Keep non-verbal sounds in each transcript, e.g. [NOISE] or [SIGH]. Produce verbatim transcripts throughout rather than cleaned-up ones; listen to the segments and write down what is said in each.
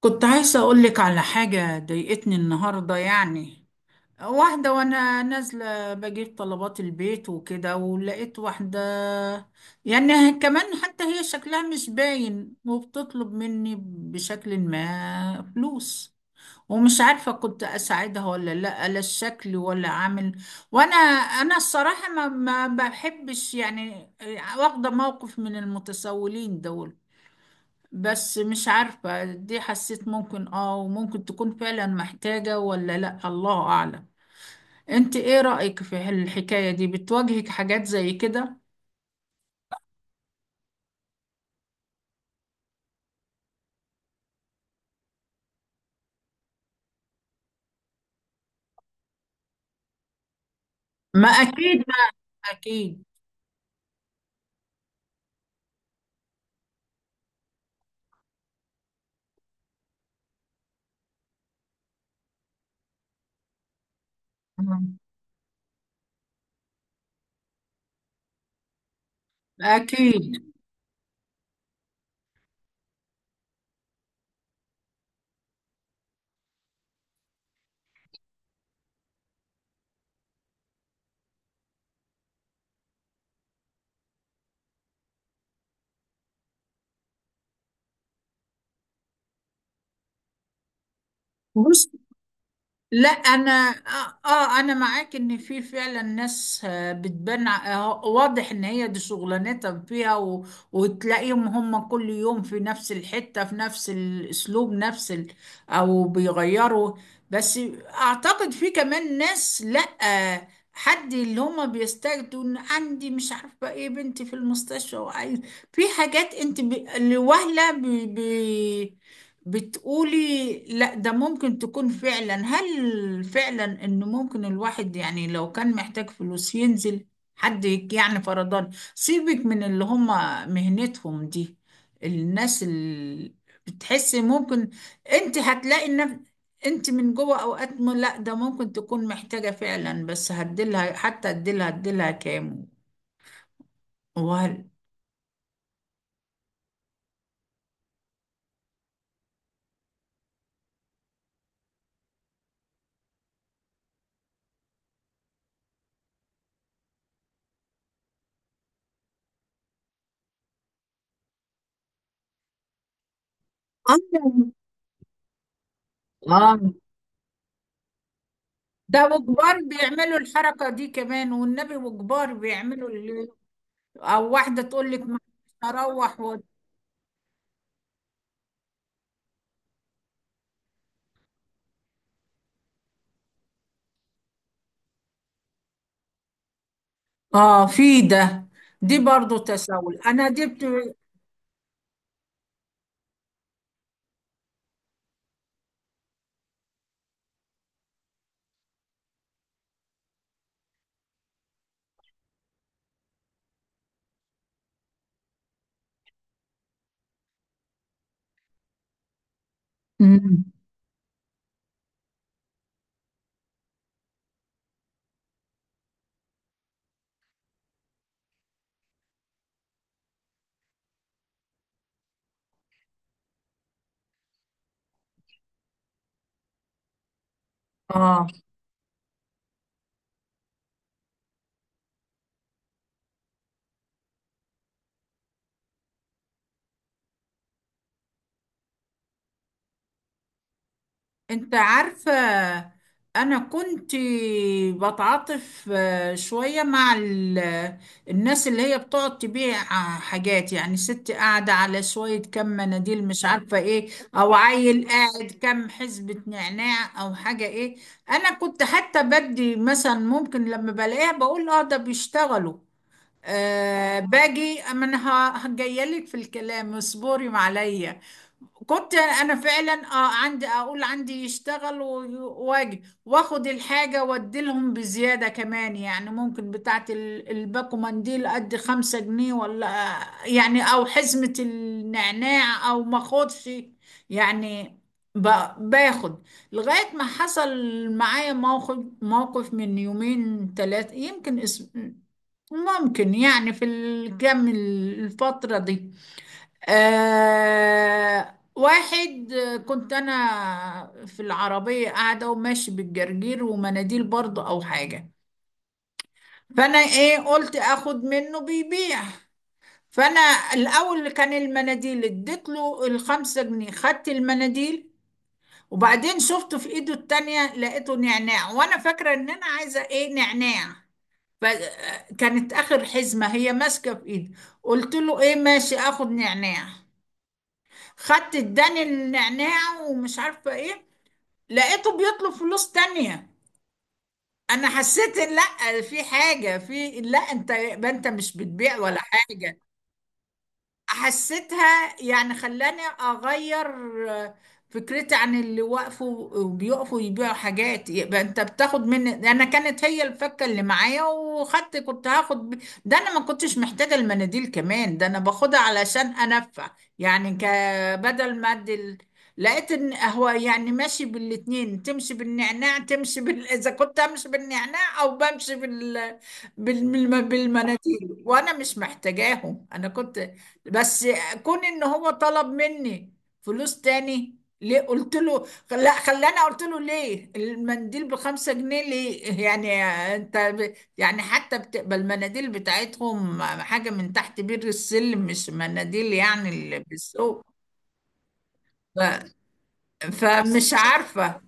كنت عايزة أقولك على حاجة ضايقتني النهاردة يعني. واحدة وأنا نازلة بجيب طلبات البيت وكده، ولقيت واحدة يعني كمان، حتى هي شكلها مش باين، وبتطلب مني بشكل ما فلوس. ومش عارفة كنت أساعدها ولا لأ، لا الشكل ولا عامل. وأنا أنا الصراحة ما, ما بحبش يعني، واخدة موقف من المتسولين دول. بس مش عارفة، دي حسيت ممكن اه وممكن تكون فعلا محتاجة ولا لا، الله أعلم. انت ايه رأيك في الحكاية دي؟ بتواجهك حاجات زي كده؟ ما اكيد ما. اكيد. مم. اكيد. بص. لا انا اه آه، انا معاك ان في فعلا ناس آه، بتبان آه، واضح ان هي دي شغلانتها فيها و... وتلاقيهم هم كل يوم في نفس الحتة، في نفس الاسلوب، نفس ال... او بيغيروا. بس اعتقد في كمان ناس لا آه، حد اللي هم بيستجدوا ان عندي مش عارفة ايه بنتي في المستشفى وعايز. في حاجات انت ب... لوهلة ب... ب... بتقولي لا، ده ممكن تكون فعلا. هل فعلا ان ممكن الواحد يعني لو كان محتاج فلوس ينزل؟ حد يك- يعني فرضان سيبك من اللي هم مهنتهم دي، الناس اللي بتحسي ممكن، انت هتلاقي ان انت من جوه اوقات م- لا ده ممكن تكون محتاجة فعلا، بس هديلها حتى هديلها هديلها كام؟ وهل... اه اه، ده وكبار بيعملوا الحركة دي كمان، والنبي وكبار بيعملوا اللي... أو واحدة تقول لك ما أروح و... آه، في ده. دي برضو تساؤل أنا جبت. مم. آه. انت عارفة، انا كنت بتعاطف آه، شوية مع ال- الناس اللي هي بتقعد تبيع آه، حاجات، يعني ست قاعدة على شوية كم مناديل مش عارفة ايه، او عيل قاعد كم حزبة نعناع او حاجة ايه. انا كنت حتى بدي مثلا ممكن لما بلاقيها بقول اه ده بيشتغلوا. آه باجي، اما انا جايه لك في الكلام اصبري معايا. كنت انا فعلا اه عندي، اقول عندي يشتغل وي- واجي واخد الحاجه وادي لهم بزياده كمان، يعني ممكن بتاعت ال- الباكو منديل ادي خمسة جنيه، ولا يعني او حزمه النعناع، او ما اخدش يعني، ب- باخد. لغايه ما حصل معايا موقف، موقف من يومين ثلاثه يمكن اسم، ممكن يعني في الكام الفتره دي. آه واحد، آه، كنت انا في العربية قاعدة، وماشي بالجرجير ومناديل برضه او حاجة. فانا ايه، قلت اخد منه بيبيع. فانا الاول اللي كان المناديل، اديت له الخمسة جنيه، خدت المناديل. وبعدين شفته في ايده التانية لقيته نعناع، وانا فاكرة ان انا عايزة ايه نعناع، فكانت اخر حزمة هي ماسكة في ايدي. قلت له ايه ماشي اخد نعناع. خدت، اداني النعناع ومش عارفه ايه، لقيته بيطلب فلوس تانية. انا حسيت إن لا، في حاجه، في، لا انت يبقى انت مش بتبيع ولا حاجه. حسيتها، يعني خلاني اغير آه، فكرتي عن اللي وقفوا وبيقفوا يبيعوا حاجات. يبقى انت بتاخد مني انا، كانت هي الفكه اللي معايا، وخدت، كنت هاخد ب... ده انا ما كنتش محتاجه المناديل كمان، ده انا باخدها علشان انفع، يعني ك، بدل ما ادي ال- لقيت ان هو يعني ماشي بالاتنين، تمشي بالنعناع تمشي بال... [LAUGHS] اذا كنت امشي بالنعناع او بمشي بال... بال... بالم- بالمناديل وانا مش محتاجاهم. انا كنت بس، كون ان هو طلب مني فلوس تاني ليه، قلت له لا. خلاني قلت له ليه المنديل بخمسة جنيه ليه يعني؟ انت ب... يعني حتى بتبقى المناديل بتاعتهم حاجة من تحت بير السلم، مش مناديل يعني اللي بالسوق. ف... فمش عارفة.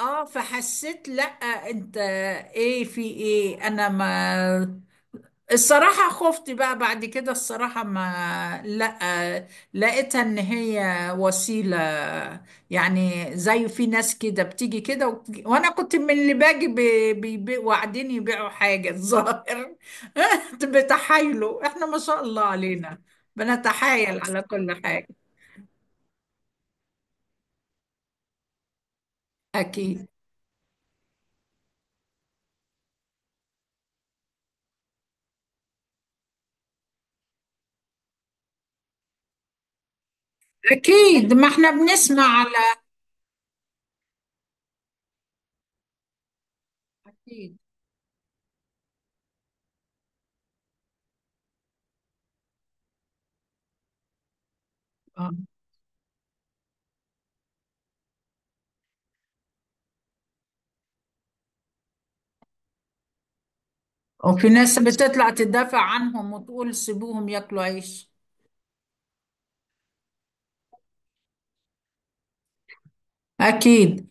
اه فحسيت لا. انت ايه في ايه؟ انا ما الصراحة خفت بقى بعد كده، الصراحة ما لا، لقيتها ان هي وسيلة. يعني زي في ناس كده بتيجي كده و... وانا كنت من اللي باجي ب... ب... ب... وقاعدين يبيعوا حاجة الظاهر. [LAUGHS] بتحايلوا، احنا ما شاء الله علينا بنتحايل على كل حاجة. اكيد. اكيد، ما احنا بنسمع على. اكيد اه. وفي ناس بتطلع تدافع عنهم وتقول سيبوهم ياكلوا عيش. اكيد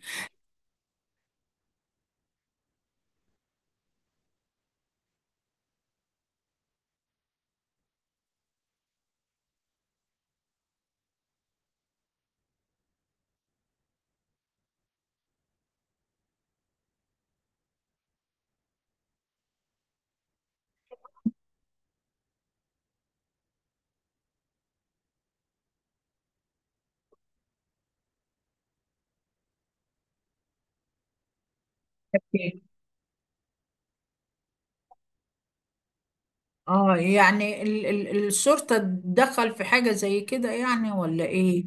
اه. يعني ال ال الشرطة تدخل في حاجة زي كده يعني ولا ايه؟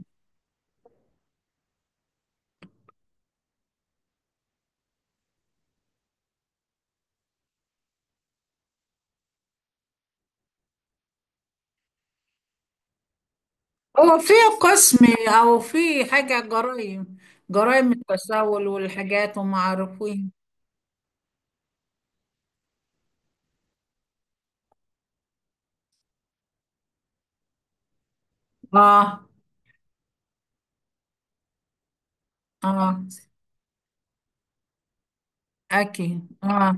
هو في قسم او في حاجة جرائم، جرائم التسول والحاجات وما عارفين. اه اه اكيد اه.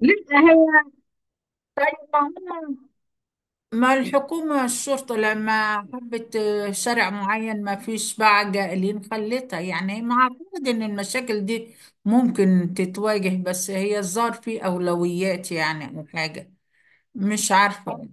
لا هو طيب، ما هم، ما الحكومة الشرطة لما حبت شارع معين ما فيش بقى قائلين خلتها، يعني ما اعتقد ان المشاكل دي ممكن تتواجه، بس هي الظاهر في اولويات يعني او حاجة، مش عارفة.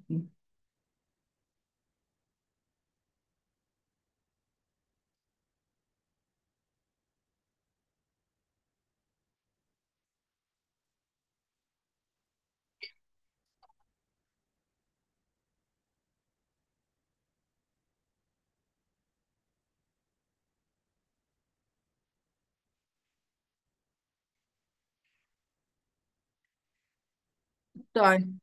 طيب.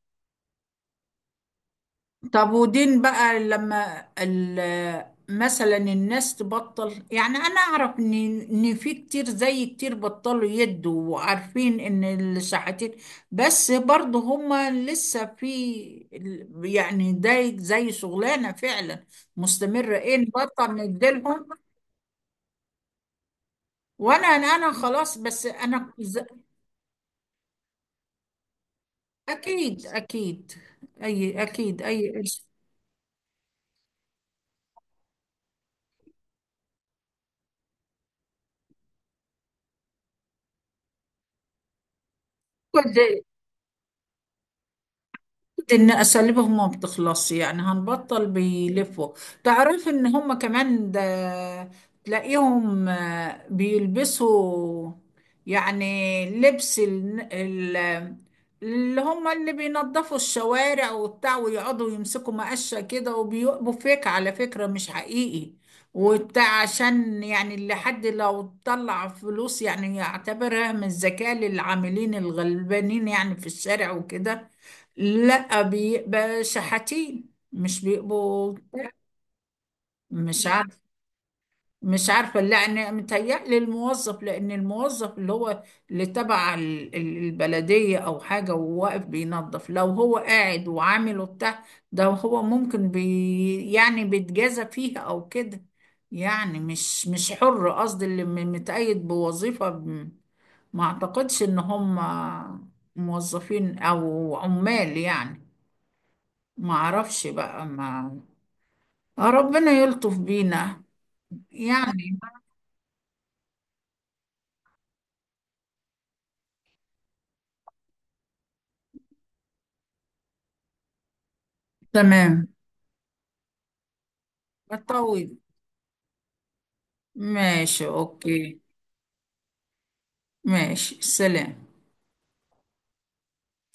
طب ودين بقى لما ال- مثلا الناس تبطل، يعني أنا أعرف إن إن في كتير، زي كتير بطلوا يدوا وعارفين إن الشحاتين، بس برضه هما لسه في ال- يعني ده زي شغلانة فعلا مستمرة. إيه، نبطل نديلهم. وأنا أنا خلاص، بس أنا ز- أكيد أكيد، أي أكيد أي قرش. ان اساليبهم ما بتخلصش يعني، هنبطل بيلفوا. تعرف ان هم كمان ده، تلاقيهم آه، بيلبسوا يعني لبس ال- ال- اللي هم اللي بينظفوا الشوارع وبتاع، ويقعدوا يمسكوا مقشة كده، وبيقبوا فيك على فكرة مش حقيقي. وبتاع عشان يعني اللي حد لو طلع فلوس يعني يعتبرها من الذكاء للعاملين الغلبانين يعني في الشارع وكده. لا بيبقى شحاتين، مش بيبقوا. مش عارف، مش عارفة، لأن متهيألي الموظف، لأن الموظف اللي هو اللي تبع ال- ال- البلدية أو حاجة وواقف بينظف، لو هو قاعد وعامل وبتاع، ده هو ممكن بي يعني بيتجازى فيها أو كده، يعني مش مش حر، قصدي اللي م- متقيد بوظيفة م- ما أعتقدش إن هم موظفين أو عمال يعني. ما اعرفش بقى ما. آه، ربنا يلطف بينا يعني. تمام. بطول. ماشي اوكي. ماشي، سلام.